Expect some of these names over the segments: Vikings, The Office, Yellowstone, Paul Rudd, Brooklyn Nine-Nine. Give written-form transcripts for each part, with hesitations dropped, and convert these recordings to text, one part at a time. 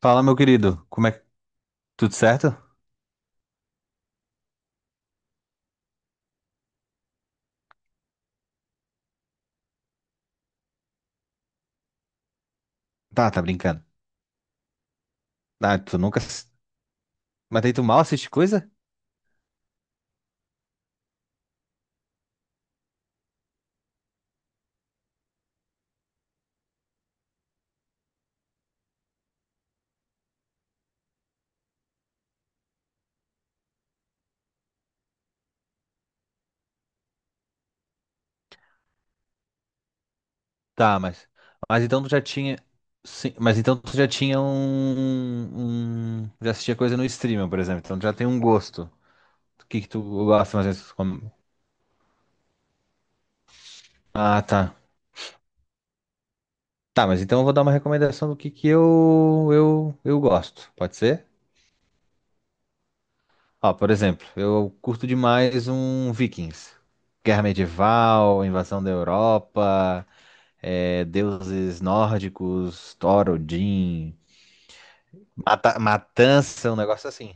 Fala, meu querido, como é que... Tudo certo? Tá, tá brincando. Ah, tu nunca... ass- Mas aí tu mal assiste coisa? Tá, mas... Mas então tu já tinha... Sim, mas então tu já tinha um... um- Já assistia coisa no streaming, por exemplo. Então tu já tem um gosto. O que que tu gosta, mais ou menos, como- Ah, tá. Tá, mas então eu vou dar uma recomendação do que eu gosto. Pode ser? Ó, por exemplo, eu curto demais um Vikings. Guerra medieval, invasão da Europa... deuses nórdicos, Thor, Odin, matança, um negócio assim.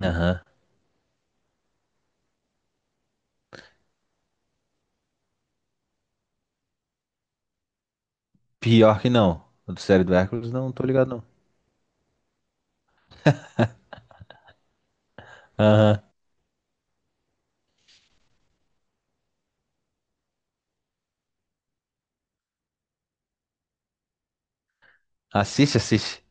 Aham. Pior que não. O do série do Hércules, não tô ligado não. Assiste, assiste.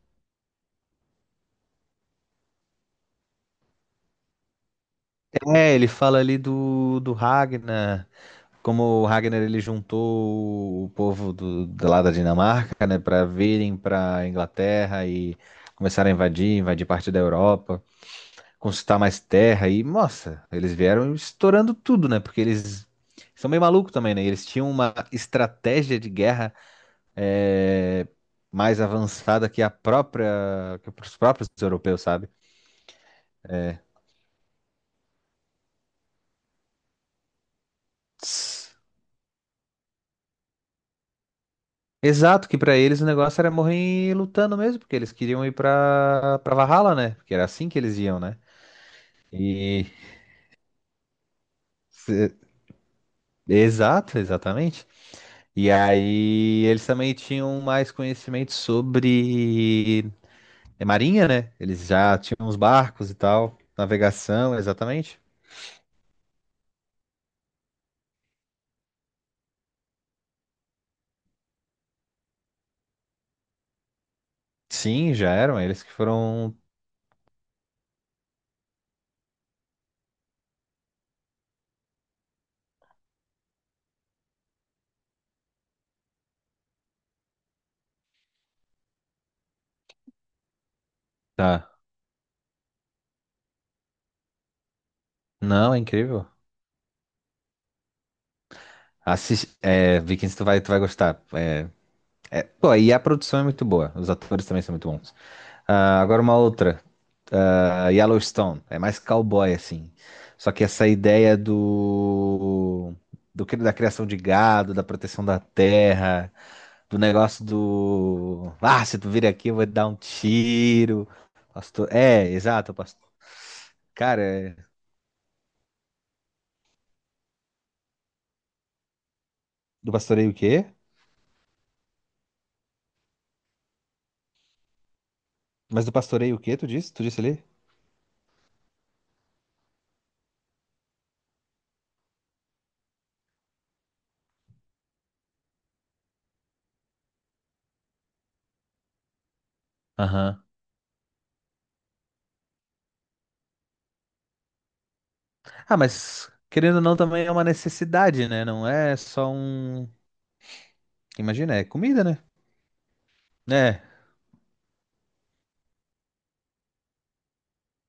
É, ele fala ali do, do Ragnar, como o Ragnar ele juntou o povo do, do lá da Dinamarca, né, para virem pra Inglaterra e começaram a invadir parte da Europa. Conquistar mais terra e, nossa, eles vieram estourando tudo, né? Porque eles são meio malucos também, né? Eles tinham uma estratégia de guerra é, mais avançada que a própria, que os próprios europeus, sabe? Exato, que pra eles o negócio era morrer lutando mesmo, porque eles queriam ir pra para Valhalla, né? Porque era assim que eles iam, né? E se- exato, exatamente. E aí eles também tinham mais conhecimento sobre É marinha, né? Eles já tinham os barcos e tal. Navegação, exatamente. Sim, já eram. Eles que foram. Tá. Não, é incrível. Assis- é, Vikings, tu vai gostar. Pô, e a produção é muito boa. Os atores também são muito bons. Ah, agora uma outra. Ah, Yellowstone. É mais cowboy, assim. Só que essa ideia do, da criação de gado, da proteção da terra. Do negócio do. Ah, se tu vir aqui, eu vou te dar um tiro. Pastor... É, exato. Pastor... Cara, é... Do pastoreio o quê? Mas do pastoreio o quê, tu disse? Tu disse ali? Aham. Ah, mas querendo ou não, também é uma necessidade, né? Não é só um. Imagina, é comida, né? É.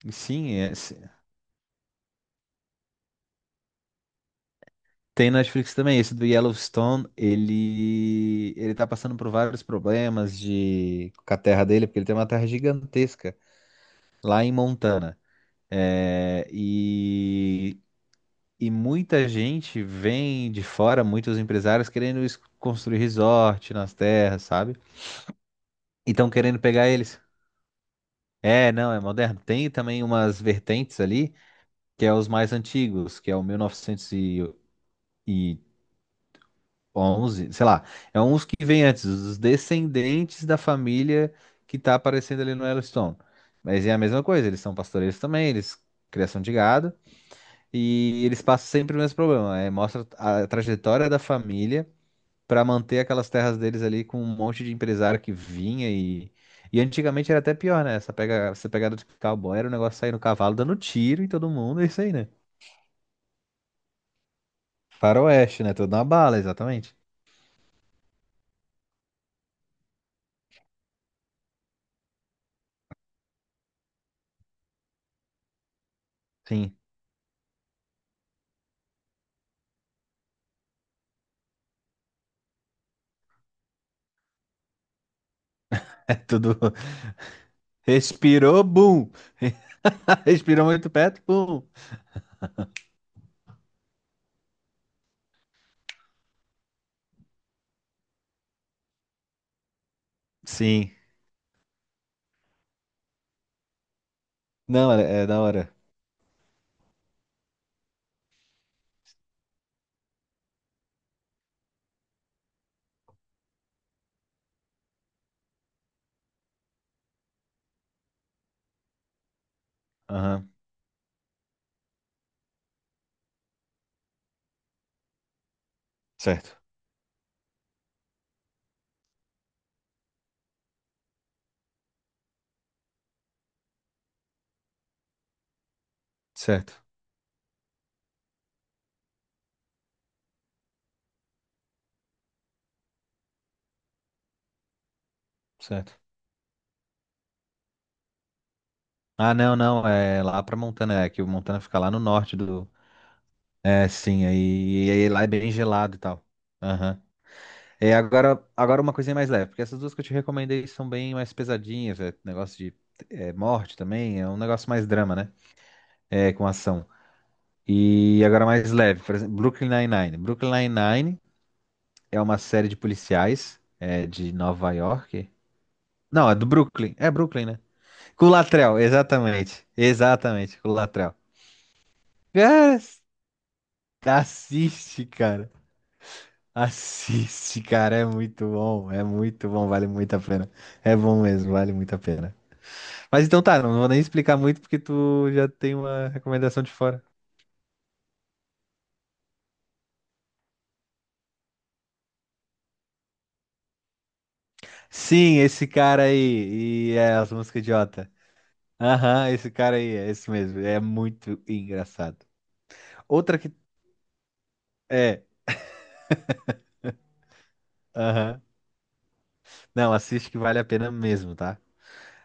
Sim, tem na Netflix também. Esse do Yellowstone, ele tá passando por vários problemas de com a terra dele, porque ele tem uma terra gigantesca lá em Montana. É, e muita gente vem de fora, muitos empresários querendo construir resort nas terras, sabe? E estão querendo pegar eles. É, não, é moderno. Tem também umas vertentes ali, que é os mais antigos, que é o 1911, sei lá. É uns que vêm antes, os descendentes da família que tá aparecendo ali no Yellowstone. Mas é a mesma coisa, eles são pastoreiros também, eles criação de gado. E eles passam sempre o mesmo problema. É, mostra a trajetória da família para manter aquelas terras deles ali com um monte de empresário que vinha e. E antigamente era até pior, né? Essa, pega, essa pegada de cowboy era o negócio sair no cavalo dando tiro em todo mundo, é isso aí, né? Faroeste, né? Tudo na bala, exatamente. Sim. É tudo. Respirou, bum! Respirou muito perto, bum! Sim. Não, é, é da hora. Aham. Certo. Certo. Certo. Ah, não, não, é lá pra Montana, é que o Montana fica lá no norte do. É, sim, aí lá é bem gelado e tal. Aham. É, agora uma coisinha mais leve, porque essas duas que eu te recomendei são bem mais pesadinhas, é negócio de morte também, é um negócio mais drama, né? É, com ação. E agora mais leve, por exemplo, Brooklyn Nine-Nine. Brooklyn Nine-Nine é uma série de policiais de Nova York. Não, é do Brooklyn, é Brooklyn, né? Culatrell, exatamente, exatamente, Culatrell. Cara, assiste, cara. Assiste, cara. É muito bom. É muito bom. Vale muito a pena. É bom mesmo. Vale muito a pena. Mas então tá. Não vou nem explicar muito porque tu já tem uma recomendação de fora. Sim, esse cara aí. E é as músicas idiota. Aham, esse cara aí. É esse mesmo. É muito engraçado. Outra que. É. Aham. Não, assiste que vale a pena mesmo, tá?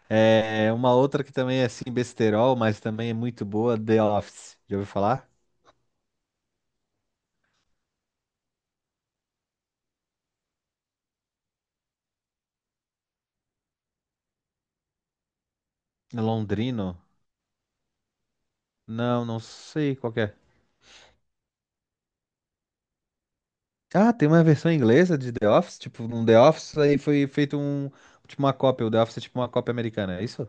É uma outra que também é assim, besterol, mas também é muito boa. The Office. Já ouviu falar? Londrino. Não, não sei qual que é. Ah, tem uma versão inglesa de The Office? Tipo, um The Office aí foi feito um. Tipo uma cópia. O The Office é tipo uma cópia americana, é isso?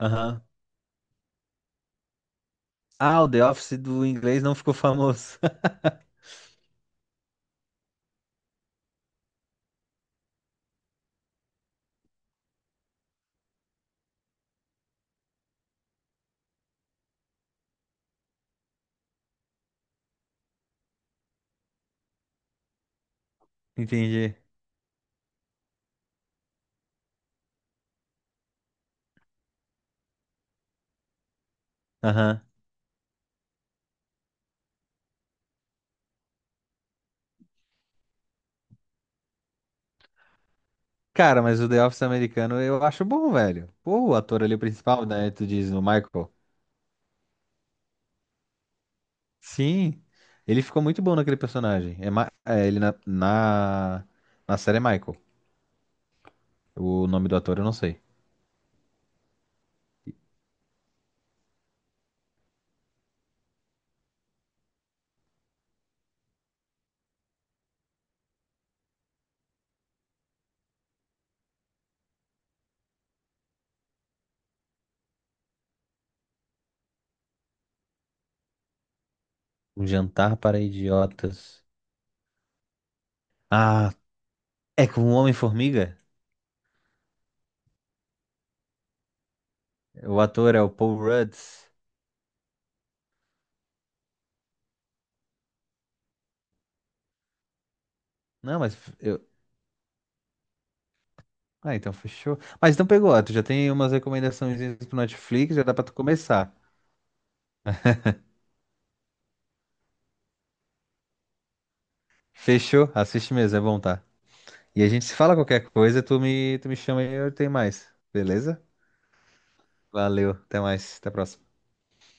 Aham. Ah, o The Office do inglês não ficou famoso. Entendi. Aham. Cara, mas o The Office americano eu acho bom, velho. Pô, o ator ali principal, né? Tu diz, o Michael. Sim. Ele ficou muito bom naquele personagem. Ele na... na. Na série é Michael. O nome do ator eu não sei. Um jantar para idiotas. Ah, é com o Homem-Formiga? O ator é o Paul Rudd. Não, mas eu. Ah, então fechou. Mas então pegou, ó, tu já tem umas recomendações pro Netflix, já dá pra tu começar. Fechou? Assiste mesmo, é bom, tá? E a gente se fala qualquer coisa, tu me chama e eu tenho mais. Beleza? Valeu, até mais, até a próxima.